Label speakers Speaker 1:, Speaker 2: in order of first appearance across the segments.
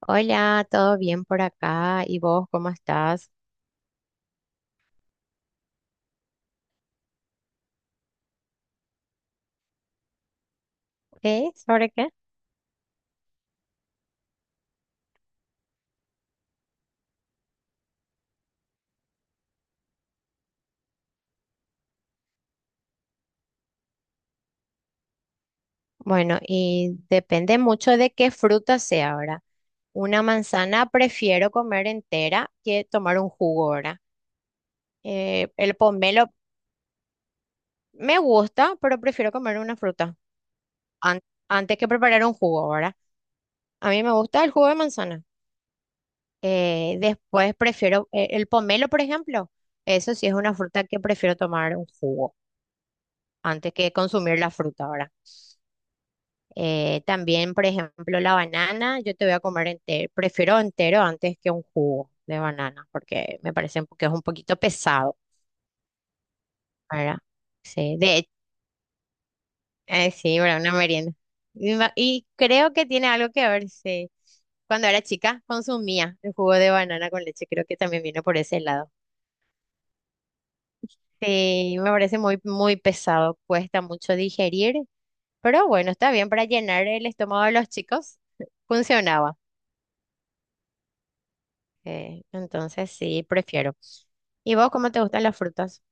Speaker 1: Hola, ¿todo bien por acá? ¿Y vos cómo estás? ¿Qué? ¿Sobre qué? Bueno, y depende mucho de qué fruta sea ahora. Una manzana prefiero comer entera que tomar un jugo ahora. El pomelo me gusta, pero prefiero comer una fruta an- antes que preparar un jugo ahora. A mí me gusta el jugo de manzana. Después prefiero el pomelo, por ejemplo. Eso sí es una fruta que prefiero tomar un jugo antes que consumir la fruta ahora. También, por ejemplo, la banana, yo te voy a comer entero, prefiero entero antes que un jugo de banana, porque me parece que es un poquito pesado, ¿verdad? Sí, de hecho, sí, ¿verdad? Una merienda. Y, y creo que tiene algo que ver, sí. Cuando era chica consumía el jugo de banana con leche, creo que también vino por ese lado. Sí, me parece muy, muy pesado, cuesta mucho digerir, pero bueno, está bien para llenar el estómago de los chicos, funcionaba. Entonces sí, prefiero. ¿Y vos cómo te gustan las frutas?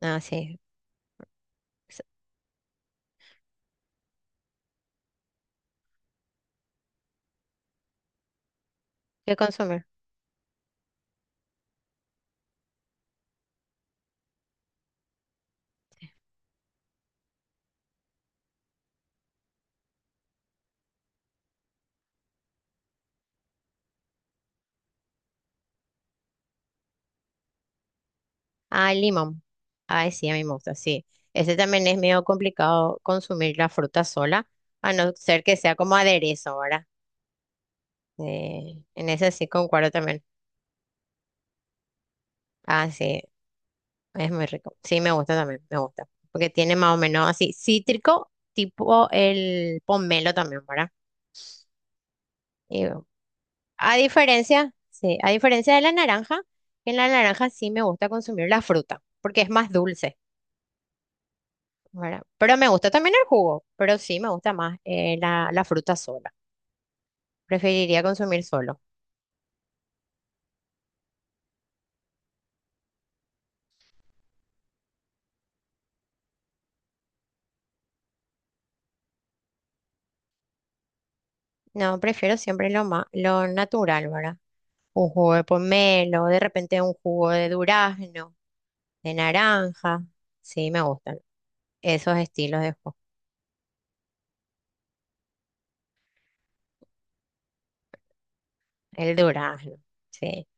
Speaker 1: Ah, sí. S- ¿Qué consumir? Ah, el limón. Ay, sí, a mí me gusta, sí. Ese también es medio complicado consumir la fruta sola, a no ser que sea como aderezo, ¿verdad? En ese sí concuerdo también. Ah, sí, es muy rico. Sí, me gusta también, me gusta. Porque tiene más o menos así cítrico, tipo el pomelo también, ¿verdad? Y, A diferencia, sí, a diferencia de la naranja, en la naranja sí me gusta consumir la fruta, porque es más dulce, ¿verdad? Pero me gusta también el jugo, pero sí me gusta más la fruta sola. Preferiría consumir solo. No, prefiero siempre lo natural, ¿verdad? Un jugo de pomelo, de repente un jugo de durazno, de naranja. Sí, me gustan esos estilos de jugo. El durazno, sí.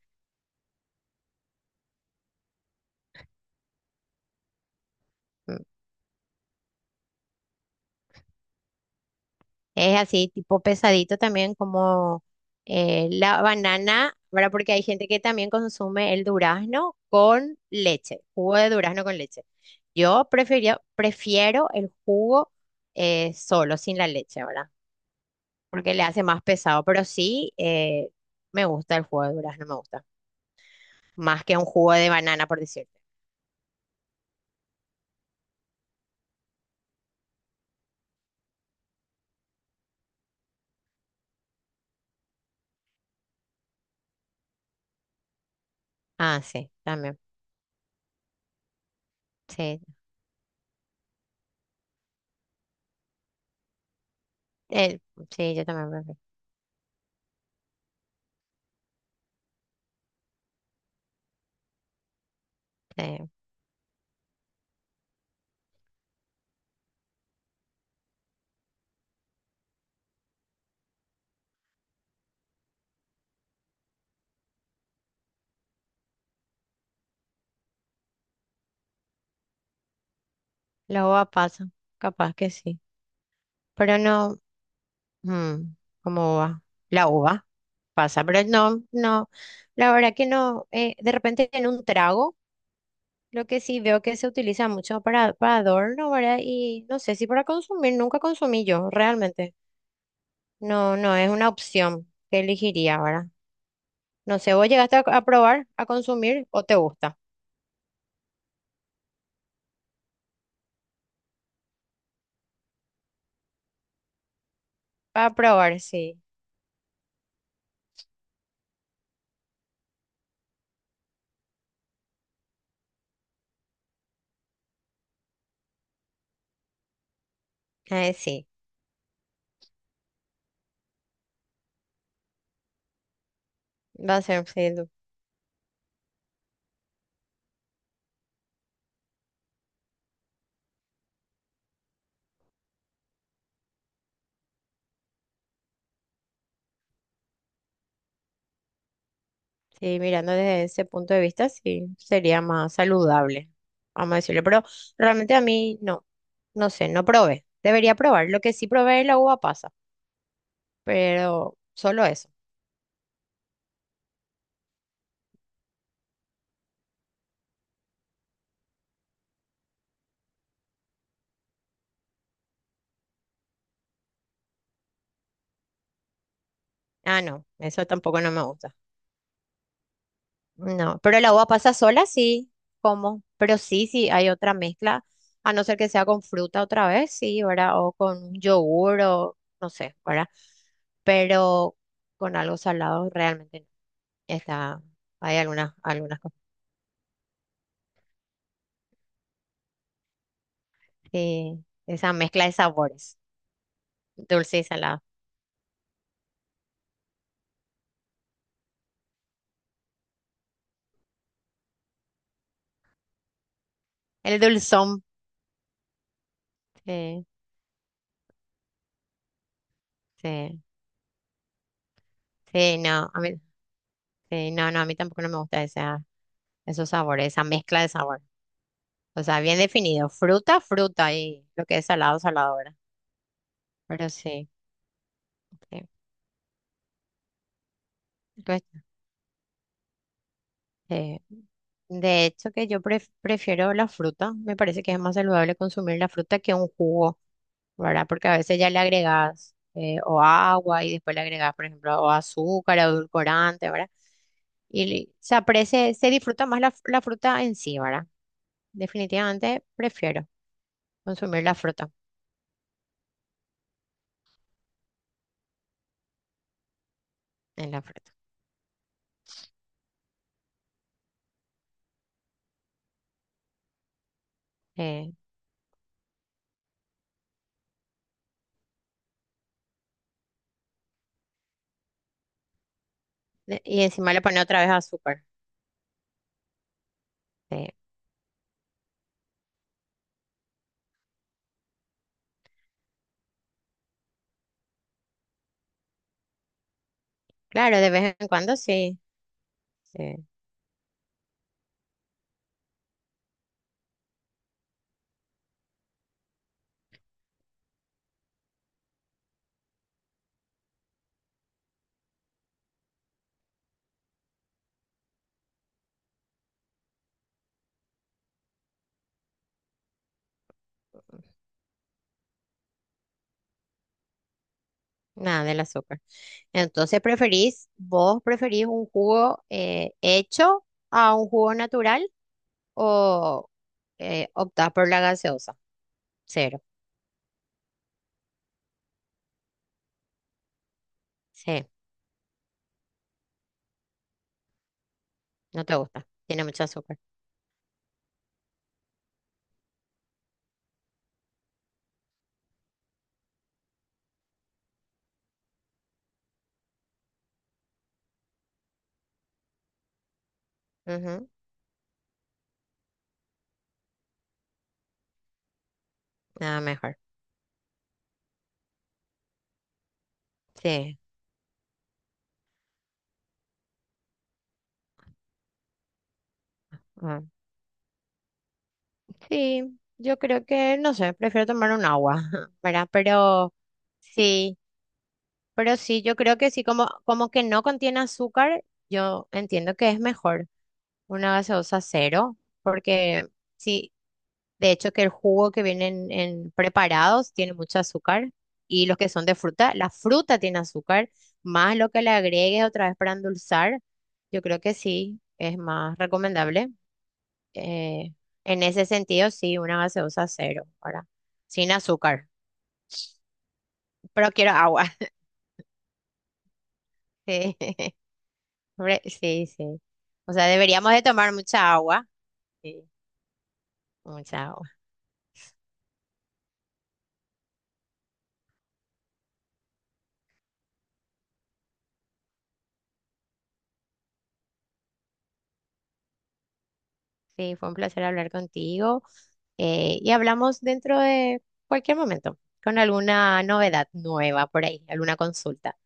Speaker 1: Es así, tipo pesadito también como la banana, ¿verdad? Porque hay gente que también consume el durazno con leche, jugo de durazno con leche. Prefiero el jugo solo, sin la leche, ¿verdad? Porque le hace más pesado, pero sí, me gusta el jugo de durazno, me gusta. Más que un jugo de banana, por decirte. Ah, sí, también. Sí, eh, sí, yo también prefiero. Sí. Los pasan, capaz que sí. Pero no. Mm, ¿cómo va? La uva pasa, pero no, no, la verdad que no, de repente en un trago, lo que sí veo que se utiliza mucho para adorno, ¿verdad? Y no sé si para consumir, nunca consumí yo, realmente. No, no, es una opción que elegiría, ¿verdad? No sé, ¿vos llegaste a probar, a consumir o te gusta? Para probar, sí, sí, va a ser, sí. Sí, mirando desde ese punto de vista, sí, sería más saludable, vamos a decirlo, pero realmente a mí no, no sé, no probé, debería probar, lo que sí probé es la uva pasa, pero solo eso. Ah, no, eso tampoco no me gusta. No, pero la uva pasa sola sí, como, pero sí, sí, hay otra mezcla, a no ser que sea con fruta otra vez, sí, ¿verdad? O con yogur o no sé, ¿verdad? Pero con algo salado realmente no. Está, hay algunas, algunas. Sí, esa mezcla de sabores, dulce y salado. El dulzón, sí, sí, sí, no, a mí, sí, no, no, a mí tampoco no me gusta esa, esos sabores, esa mezcla de sabor. O sea, bien definido, fruta, fruta y lo que es salado, salado, ¿verdad? Pero sí, sí. Eh, de hecho, que yo prefiero la fruta. Me parece que es más saludable consumir la fruta que un jugo, ¿verdad? Porque a veces ya le agregas o agua y después le agregas, por ejemplo, o azúcar, edulcorante, ¿verdad? Y se aprecia, se disfruta más la, la fruta en sí, ¿verdad? Definitivamente prefiero consumir la fruta en la fruta. Eh, y encima le pone otra vez azúcar. Eh, claro, de vez en cuando sí. eh, Nada del azúcar. Entonces, ¿preferís, vos preferís un jugo hecho a un jugo natural o optás por la gaseosa? Cero. Sí, no te gusta. Tiene mucho azúcar. Ujú. Nada mejor. Sí. ah, Sí, yo creo que, no sé, prefiero tomar un agua, ¿verdad? Sí, pero sí, yo creo que sí, como, como que no contiene azúcar, yo entiendo que es mejor una gaseosa cero, porque... Sí, de hecho, que el jugo que vienen en preparados tiene mucho azúcar y los que son de fruta, la fruta tiene azúcar, más lo que le agregues otra vez para endulzar, yo creo que sí, es más recomendable. eh, en ese sentido, sí, una gaseosa cero, ahora, sin azúcar, pero quiero agua. Sí, sí. Sí. O sea, deberíamos de tomar mucha agua. Sí, mucha agua. Sí, fue un placer hablar contigo. Y hablamos dentro de cualquier momento con alguna novedad nueva por ahí, alguna consulta.